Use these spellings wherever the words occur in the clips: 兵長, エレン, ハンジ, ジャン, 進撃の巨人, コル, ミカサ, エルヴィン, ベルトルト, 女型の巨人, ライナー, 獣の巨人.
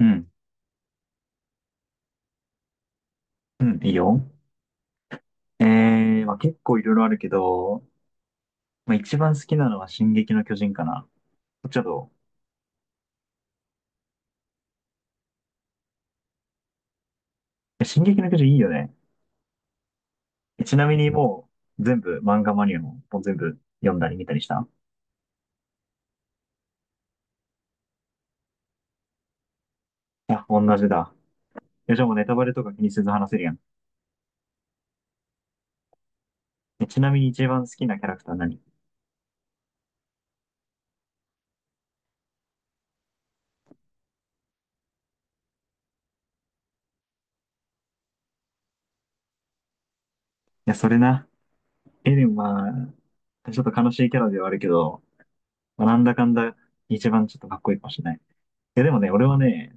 うん。うん、いいよ。まあ、結構いろいろあるけど、まあ、一番好きなのは進撃の巨人かな。ちょっと、え進撃の巨人いいよね。ちなみにもう、全部、漫画マニアも、もう全部読んだり見たりした？いや、同じだ。じゃあもうネタバレとか気にせず話せるやん。ちなみに一番好きなキャラクター何？いや、それな。エレンは、ちょっと悲しいキャラではあるけど、まあ、なんだかんだ、一番ちょっとかっこいいかもしれない。いや、でもね、俺はね、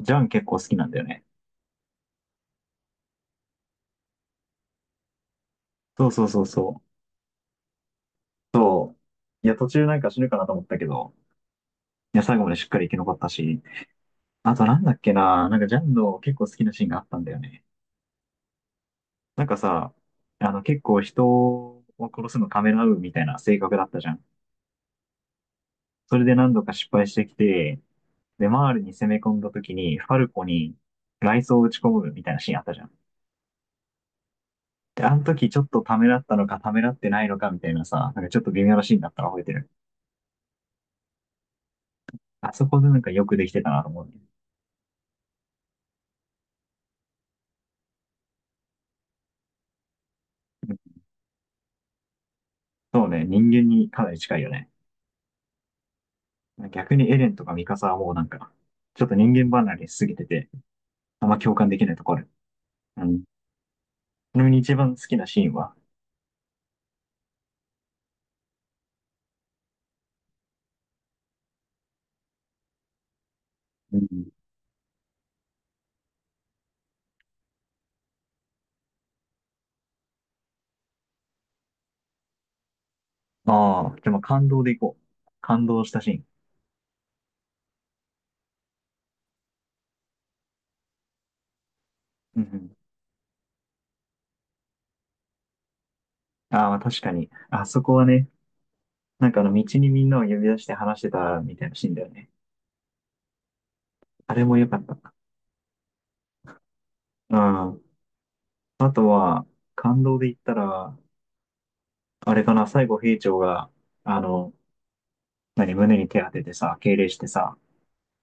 ジャン結構好きなんだよね。そうそうそうそう。いや、途中なんか死ぬかなと思ったけど、いや、最後までしっかり生き残ったし、あとなんだっけな、なんかジャンの結構好きなシーンがあったんだよね。なんかさ、あの結構人を殺すのためらうみたいな性格だったじゃん。それで何度か失敗してきて、で、マールに攻め込んだ時に、ファルコに雷装を打ち込むみたいなシーンあったじゃん。で、あの時ちょっとためらったのかためらってないのかみたいなさ、なんかちょっと微妙なシーンだったら覚えてる。あそこでなんかよくできてたなと思うね。そうね、人間にかなり近いよね。逆にエレンとかミカサはもうなんか、ちょっと人間離れしすぎてて、あんま共感できないところ。うん。ちなみに一番好きなシーンは？うん。ああ、でも感動でいこう。感動したシーン。うんうん。ああ、確かに。あそこはね、なんかあの道にみんなを呼び出して話してたみたいなシーンだよね。あれも良かった。うん。あとは、感動で言ったら、あれかな、最後兵長が、あの、胸に手当ててさ、敬礼してさ、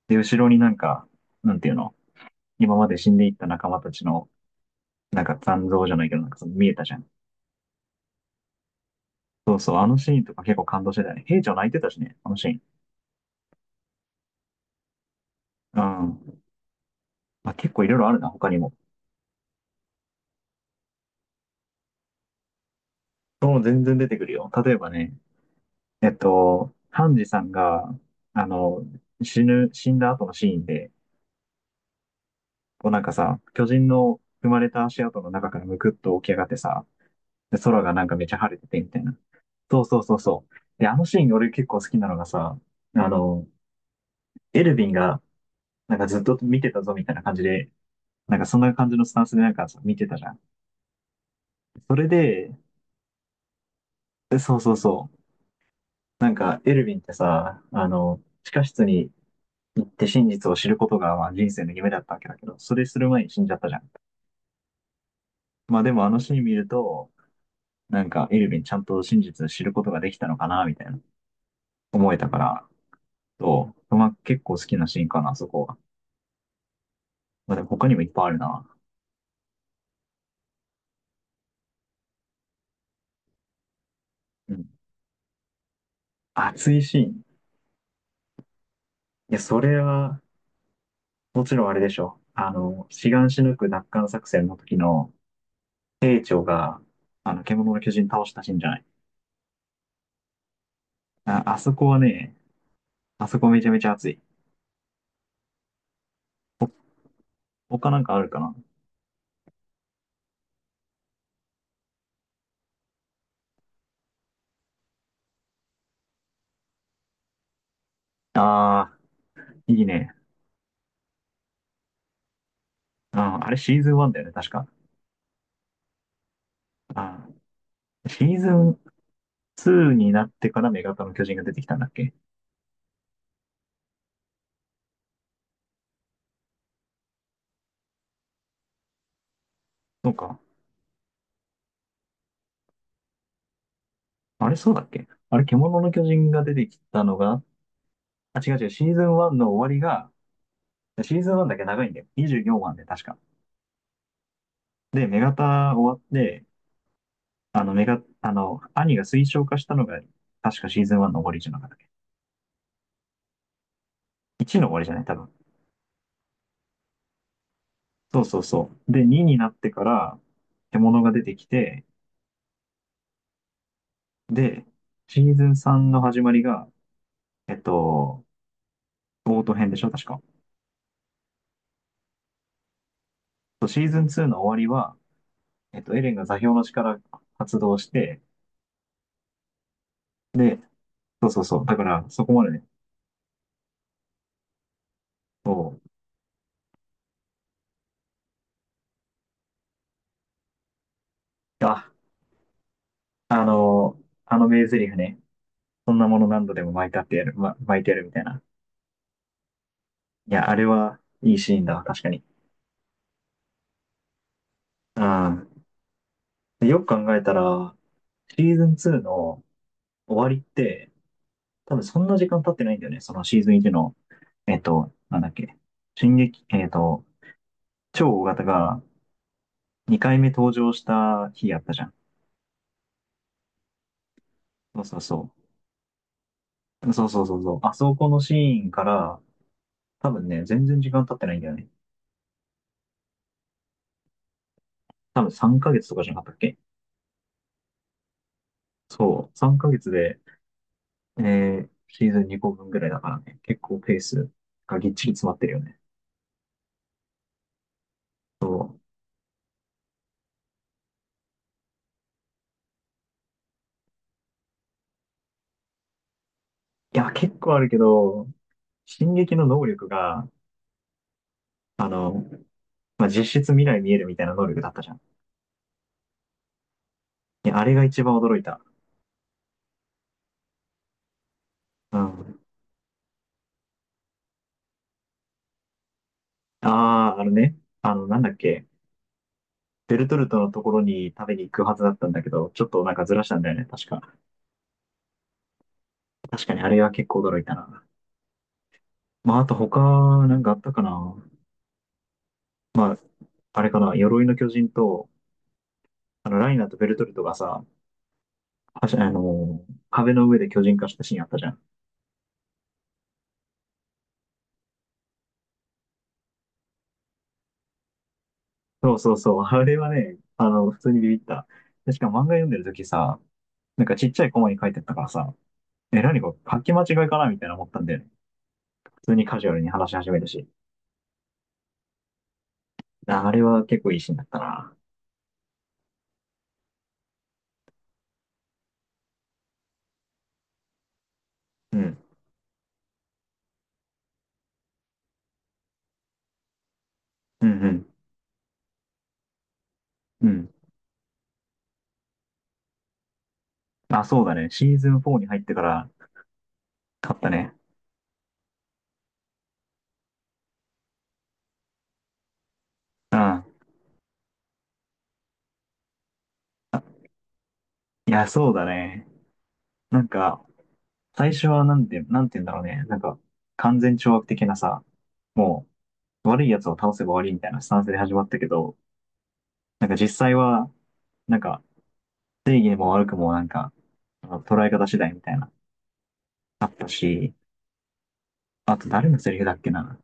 で、後ろになんか、なんていうの、今まで死んでいった仲間たちの、なんか残像じゃないけど、なんかその見えたじゃん。そうそう、あのシーンとか結構感動してたよね。兵長泣いてたしね、あのシーン。うん。まあ、結構いろいろあるな、他にも。そう、全然出てくるよ。例えばね、ハンジさんが、あの、死んだ後のシーンで、こうなんかさ、巨人の踏まれた足跡の中からむくっと起き上がってさ、で空がなんかめちゃ晴れててみたいな。そうそうそうそう。で、あのシーン俺結構好きなのがさ、あの、エルヴィンがなんかずっと見てたぞみたいな感じで、なんかそんな感じのスタンスでなんかさ見てたじゃん。それで、そうそうそう。なんかエルヴィンってさ、地下室に行って真実を知ることがまあ人生の夢だったわけだけど、それする前に死んじゃったじゃん。まあでもあのシーン見ると、なんかエルヴィンちゃんと真実を知ることができたのかな、みたいな思えたから、と、まあ結構好きなシーンかな、そこは。まあでも他にもいっぱいあるな。うん。熱いシーン。いや、それは、もちろんあれでしょ。シガンシヌク奪還作戦の時の、兵長が、獣の巨人倒したシーンじゃない。あ、あそこはね、あそこめちゃめちゃ熱い。他なんかあるかな？ああー、いいね。うん、あれシーズン1だよね、確か。あシーズン2になってから女型の巨人が出てきたんだっけ？そうか。あれ、そうだっけ？あれ、獣の巨人が出てきたのが、あ、違う違う、シーズン1の終わりが、シーズン1だけ長いんだよ。24話で確か。で、女型終わって、あの、メガ、あの、兄が推奨化したのが、確かシーズン1の終わりじゃなかったっけ ?1 の終わりじゃない多分。そうそうそう。で、2になってから、獣が出てきて、で、シーズン3の始まりが、えっと、オート編でしょ確か。そう、シーズン2の終わりは、エレンが座標の力発動して、で、そうそうそう。だから、そこまでね。そう。あ、あの、あの名台詞ね。そんなもの何度でも巻いたってやる、巻いてやるみたいな。いや、あれはいいシーンだわ、確かに。うん。よく考えたら、シーズン2の終わりって、多分そんな時間経ってないんだよね。そのシーズン1の、なんだっけ、進撃、えっと、超大型が2回目登場した日やったじゃん。そうそうそう。そうそうそうそう。あそこのシーンから、多分ね、全然時間経ってないんだよね。多分3ヶ月とかじゃなかったっけ？そう。3ヶ月で、シーズン2個分ぐらいだからね。結構ペースがぎっちり詰まってるよね。いや、結構あるけど、進撃の能力が、あの、まあ、実質未来見えるみたいな能力だったじゃん。いや、あれが一番驚いた。うん。ああ、あのね、なんだっけ、ベルトルトのところに食べに行くはずだったんだけど、ちょっとなんかずらしたんだよね、確か。確かにあれは結構驚いたな。まあ、あと他、なんかあったかな。あれかな、鎧の巨人と、ライナーとベルトルトがさ、はしあの、壁の上で巨人化したシーンあったじゃん。そうそうそう。あれはね、普通にビビった。しかも漫画読んでる時さ、なんかちっちゃいコマに書いてあったからさ、何これ書き間違いかなみたいな思ったんだよね。普通にカジュアルに話し始めたし。ああれは結構いいシーンだったな。うん。うんうん。うん。あ、そうだね。シーズン4に入ってから買ったね。うん。いや、そうだね。なんか、最初はなんて言うんだろうね。なんか、完全懲悪的なさ、もう、悪い奴を倒せば終わりみたいなスタンスで始まったけど、なんか実際は、なんか正義も悪くもなんか、捉え方次第みたいな、あったし、あと誰のセリフだっけな。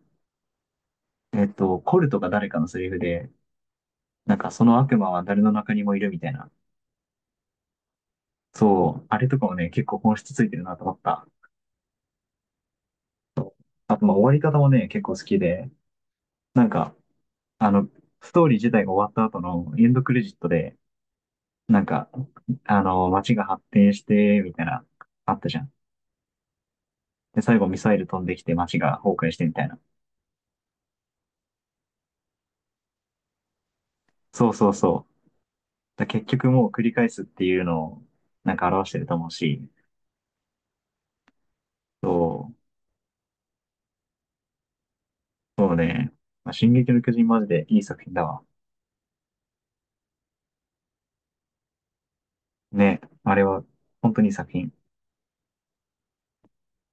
コルとか誰かのセリフで、なんかその悪魔は誰の中にもいるみたいな。そう、あれとかもね、結構本質ついてるなと思った。あと、まあ終わり方もね、結構好きで、なんか、あの、ストーリー自体が終わった後のエンドクレジットで、なんか、街が発展して、みたいな、あったじゃん。で、最後ミサイル飛んできて街が崩壊してみたいな。そうそうそう。結局もう繰り返すっていうのを、なんか表してると思うし、そう、そうね。まあ進撃の巨人マジでいい作品だわ。ね、あれは、本当にいい作品。